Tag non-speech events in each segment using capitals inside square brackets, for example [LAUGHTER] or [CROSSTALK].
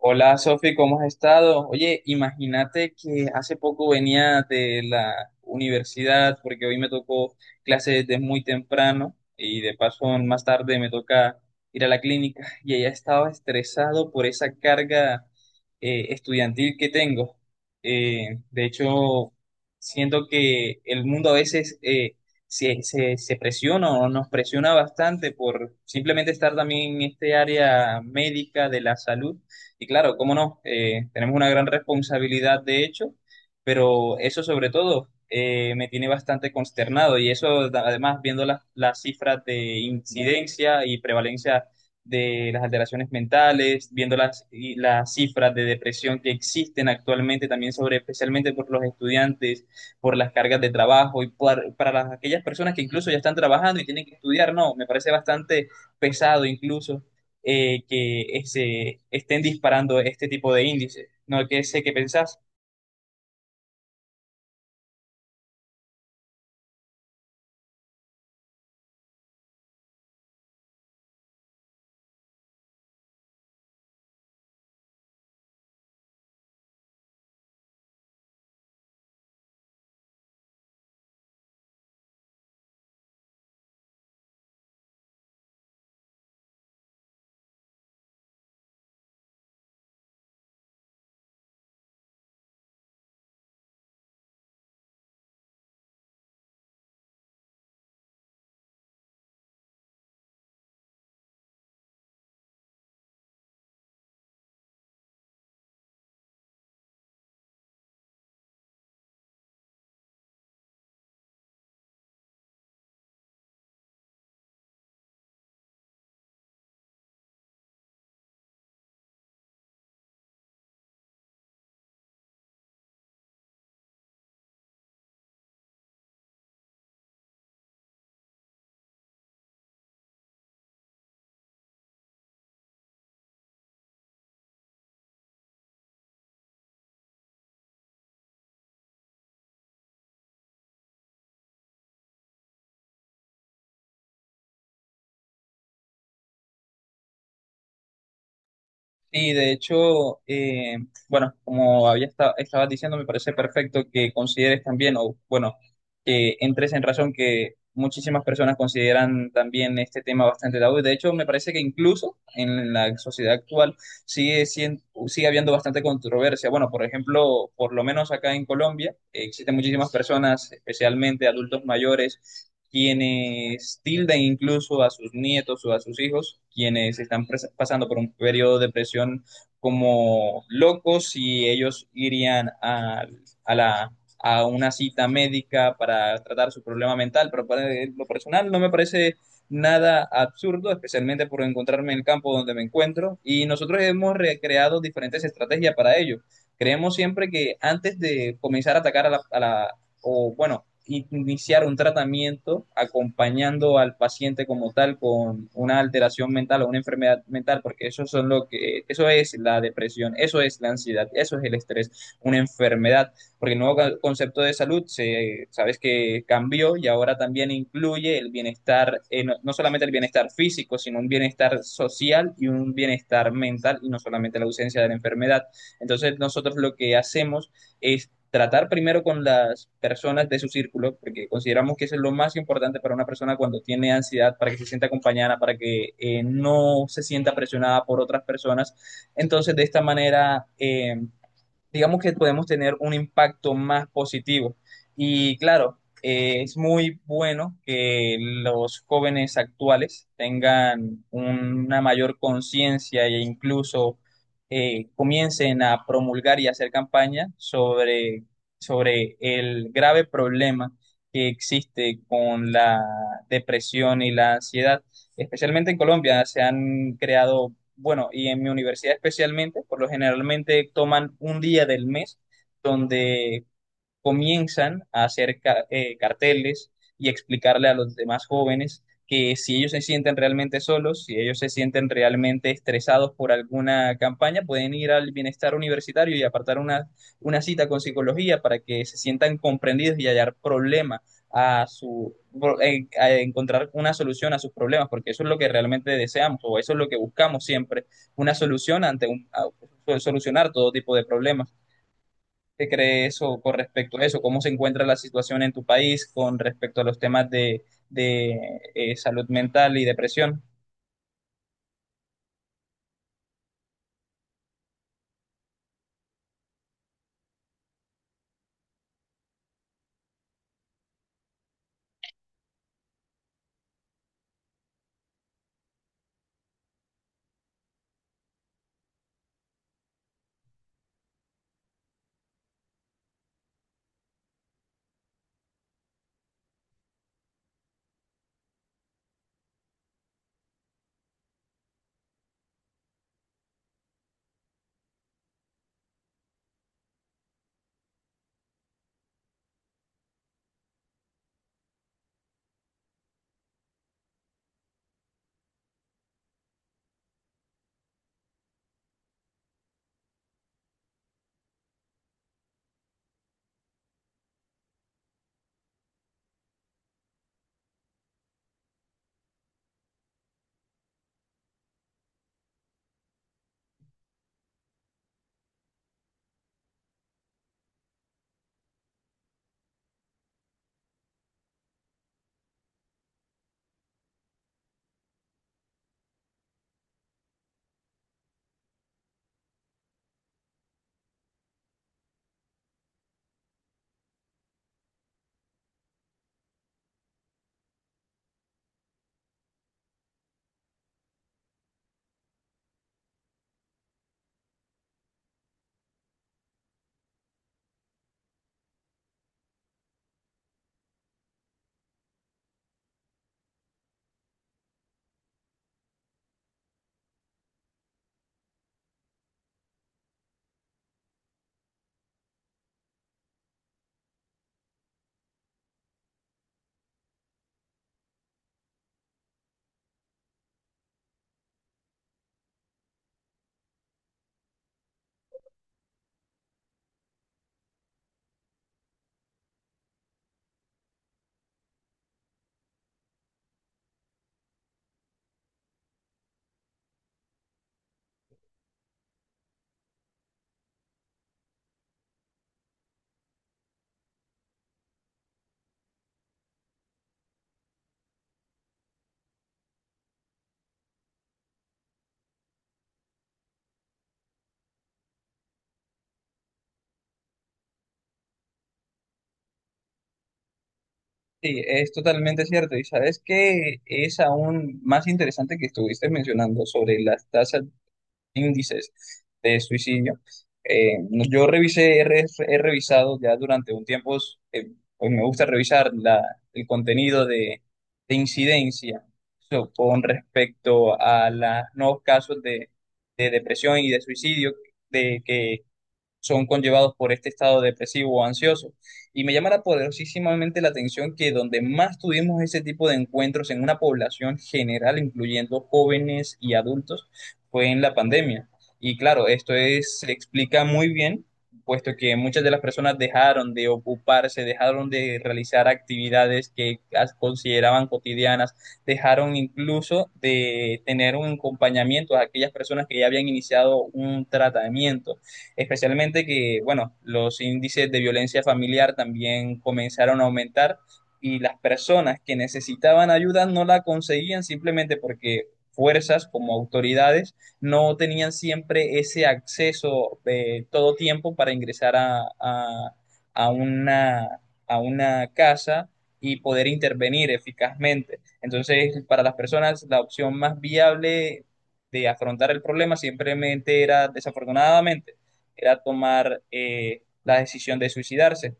Hola Sofi, ¿cómo has estado? Oye, imagínate que hace poco venía de la universidad porque hoy me tocó clase desde muy temprano y de paso más tarde me toca ir a la clínica [LAUGHS] y ella estaba estresado por esa carga estudiantil que tengo. De hecho, siento que el mundo a veces se presiona o nos presiona bastante por simplemente estar también en este área médica de la salud y claro, cómo no, tenemos una gran responsabilidad de hecho, pero eso sobre todo me tiene bastante consternado y además viendo las cifras de incidencia y prevalencia de las alteraciones mentales, viendo las cifras de depresión que existen actualmente también sobre especialmente por los estudiantes, por las cargas de trabajo y para aquellas personas que incluso ya están trabajando y tienen que estudiar, no, me parece bastante pesado incluso que se estén disparando este tipo de índices, ¿no? Que sé qué pensás. Y de hecho, bueno, como estabas diciendo, me parece perfecto que consideres también, o bueno, que entres en razón que muchísimas personas consideran también este tema bastante tabú. De hecho, me parece que incluso en la sociedad actual sigue habiendo bastante controversia. Bueno, por ejemplo, por lo menos acá en Colombia, existen muchísimas personas, especialmente adultos mayores, quienes tilden incluso a sus nietos o a sus hijos, quienes pasando por un periodo de depresión como locos y ellos irían a la, a una cita médica para tratar su problema mental, pero para lo personal no me parece nada absurdo, especialmente por encontrarme en el campo donde me encuentro y nosotros hemos recreado diferentes estrategias para ello. Creemos siempre que antes de comenzar a atacar a la o bueno, iniciar un tratamiento acompañando al paciente como tal con una alteración mental o una enfermedad mental, porque eso son lo que eso es la depresión, eso es la ansiedad, eso es el estrés, una enfermedad, porque el nuevo concepto de salud se sabes que cambió y ahora también incluye el bienestar no, no solamente el bienestar físico, sino un bienestar social y un bienestar mental y no solamente la ausencia de la enfermedad. Entonces, nosotros lo que hacemos es tratar primero con las personas de su círculo, porque consideramos que eso es lo más importante para una persona cuando tiene ansiedad, para que se sienta acompañada, para que no se sienta presionada por otras personas. Entonces, de esta manera, digamos que podemos tener un impacto más positivo. Y claro, es muy bueno que los jóvenes actuales tengan una mayor conciencia e incluso comiencen a promulgar y hacer campaña sobre el grave problema que existe con la depresión y la ansiedad especialmente en Colombia, se han creado, bueno, y en mi universidad especialmente, por lo generalmente toman un día del mes donde comienzan a hacer carteles y explicarle a los demás jóvenes que si ellos se sienten realmente solos, si ellos se sienten realmente estresados por alguna campaña, pueden ir al bienestar universitario y apartar una cita con psicología para que se sientan comprendidos y hallar problema a encontrar una solución a sus problemas, porque eso es lo que realmente deseamos o eso es lo que buscamos siempre, una solución ante solucionar todo tipo de problemas. ¿Qué cree eso con respecto a eso? ¿Cómo se encuentra la situación en tu país con respecto a los temas de salud mental y depresión? Sí, es totalmente cierto. Y sabes que es aún más interesante que estuviste mencionando sobre las tasas índices de suicidio. No- yo revisé, he, re- He revisado ya durante un tiempo, pues me gusta revisar el contenido de incidencia so, con respecto a los nuevos casos de depresión y de suicidio de que son conllevados por este estado depresivo o ansioso. Y me llama la poderosísimamente la atención que donde más tuvimos ese tipo de encuentros en una población general, incluyendo jóvenes y adultos, fue en la pandemia. Y claro, esto es, se explica muy bien, puesto que muchas de las personas dejaron de ocuparse, dejaron de realizar actividades que consideraban cotidianas, dejaron incluso de tener un acompañamiento a aquellas personas que ya habían iniciado un tratamiento especialmente que, bueno, los índices de violencia familiar también comenzaron a aumentar y las personas que necesitaban ayuda no la conseguían simplemente porque fuerzas como autoridades no tenían siempre ese acceso de todo tiempo para ingresar a una, a una casa y poder intervenir eficazmente. Entonces, para las personas, la opción más viable de afrontar el problema simplemente era, desafortunadamente, era tomar la decisión de suicidarse.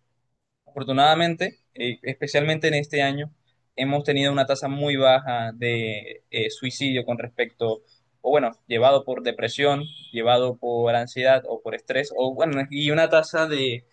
Afortunadamente, especialmente en este año, hemos tenido una tasa muy baja de suicidio con respecto, o bueno, llevado por depresión, llevado por ansiedad o por estrés, o bueno, y una tasa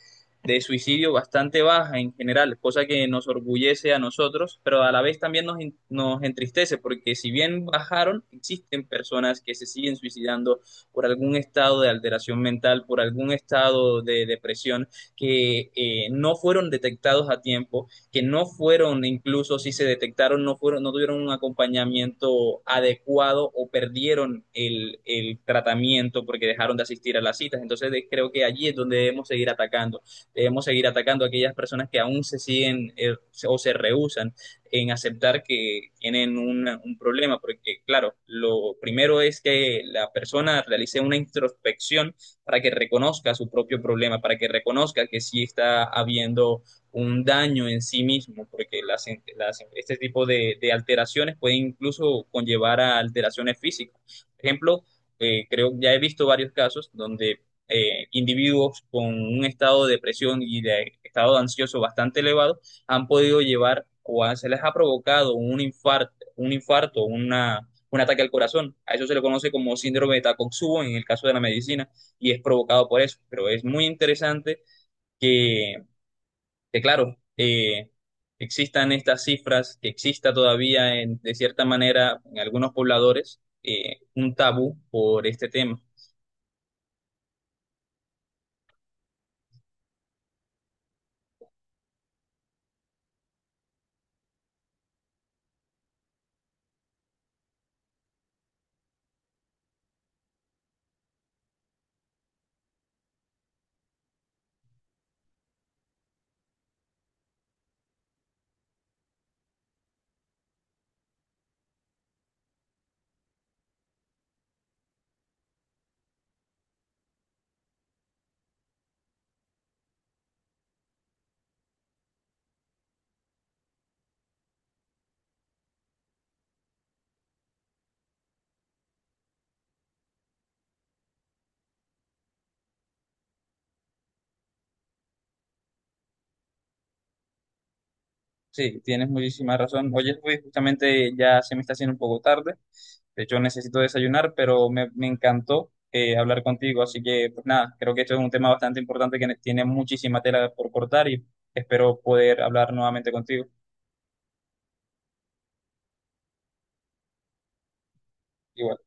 de suicidio bastante baja en general, cosa que nos orgullece a nosotros, pero a la vez también nos entristece, porque si bien bajaron, existen personas que se siguen suicidando por algún estado de alteración mental, por algún estado de depresión que no fueron detectados a tiempo, que no fueron, incluso si se detectaron, no fueron, no tuvieron un acompañamiento adecuado o perdieron el tratamiento porque dejaron de asistir a las citas. Entonces de- creo que allí es donde debemos seguir atacando. Debemos seguir atacando a aquellas personas que aún se siguen o se rehúsan en aceptar que tienen un problema, porque claro, lo primero es que la persona realice una introspección para que reconozca su propio problema, para que reconozca que sí está habiendo un daño en sí mismo, porque este tipo de alteraciones pueden incluso conllevar a alteraciones físicas. Por ejemplo, creo ya he visto varios casos donde individuos con un estado de depresión y de estado ansioso bastante elevado han podido llevar o se les ha provocado un infarto, un ataque al corazón. A eso se le conoce como síndrome de Takotsubo en el caso de la medicina y es provocado por eso. Pero es muy interesante que, que claro, existan estas cifras, que exista todavía de cierta manera en algunos pobladores un tabú por este tema. Sí, tienes muchísima razón. Oye, Luis, justamente ya se me está haciendo un poco tarde. De hecho, necesito desayunar, pero me encantó hablar contigo. Así que, pues nada, creo que esto es un tema bastante importante que tiene muchísima tela por cortar y espero poder hablar nuevamente contigo. Igual.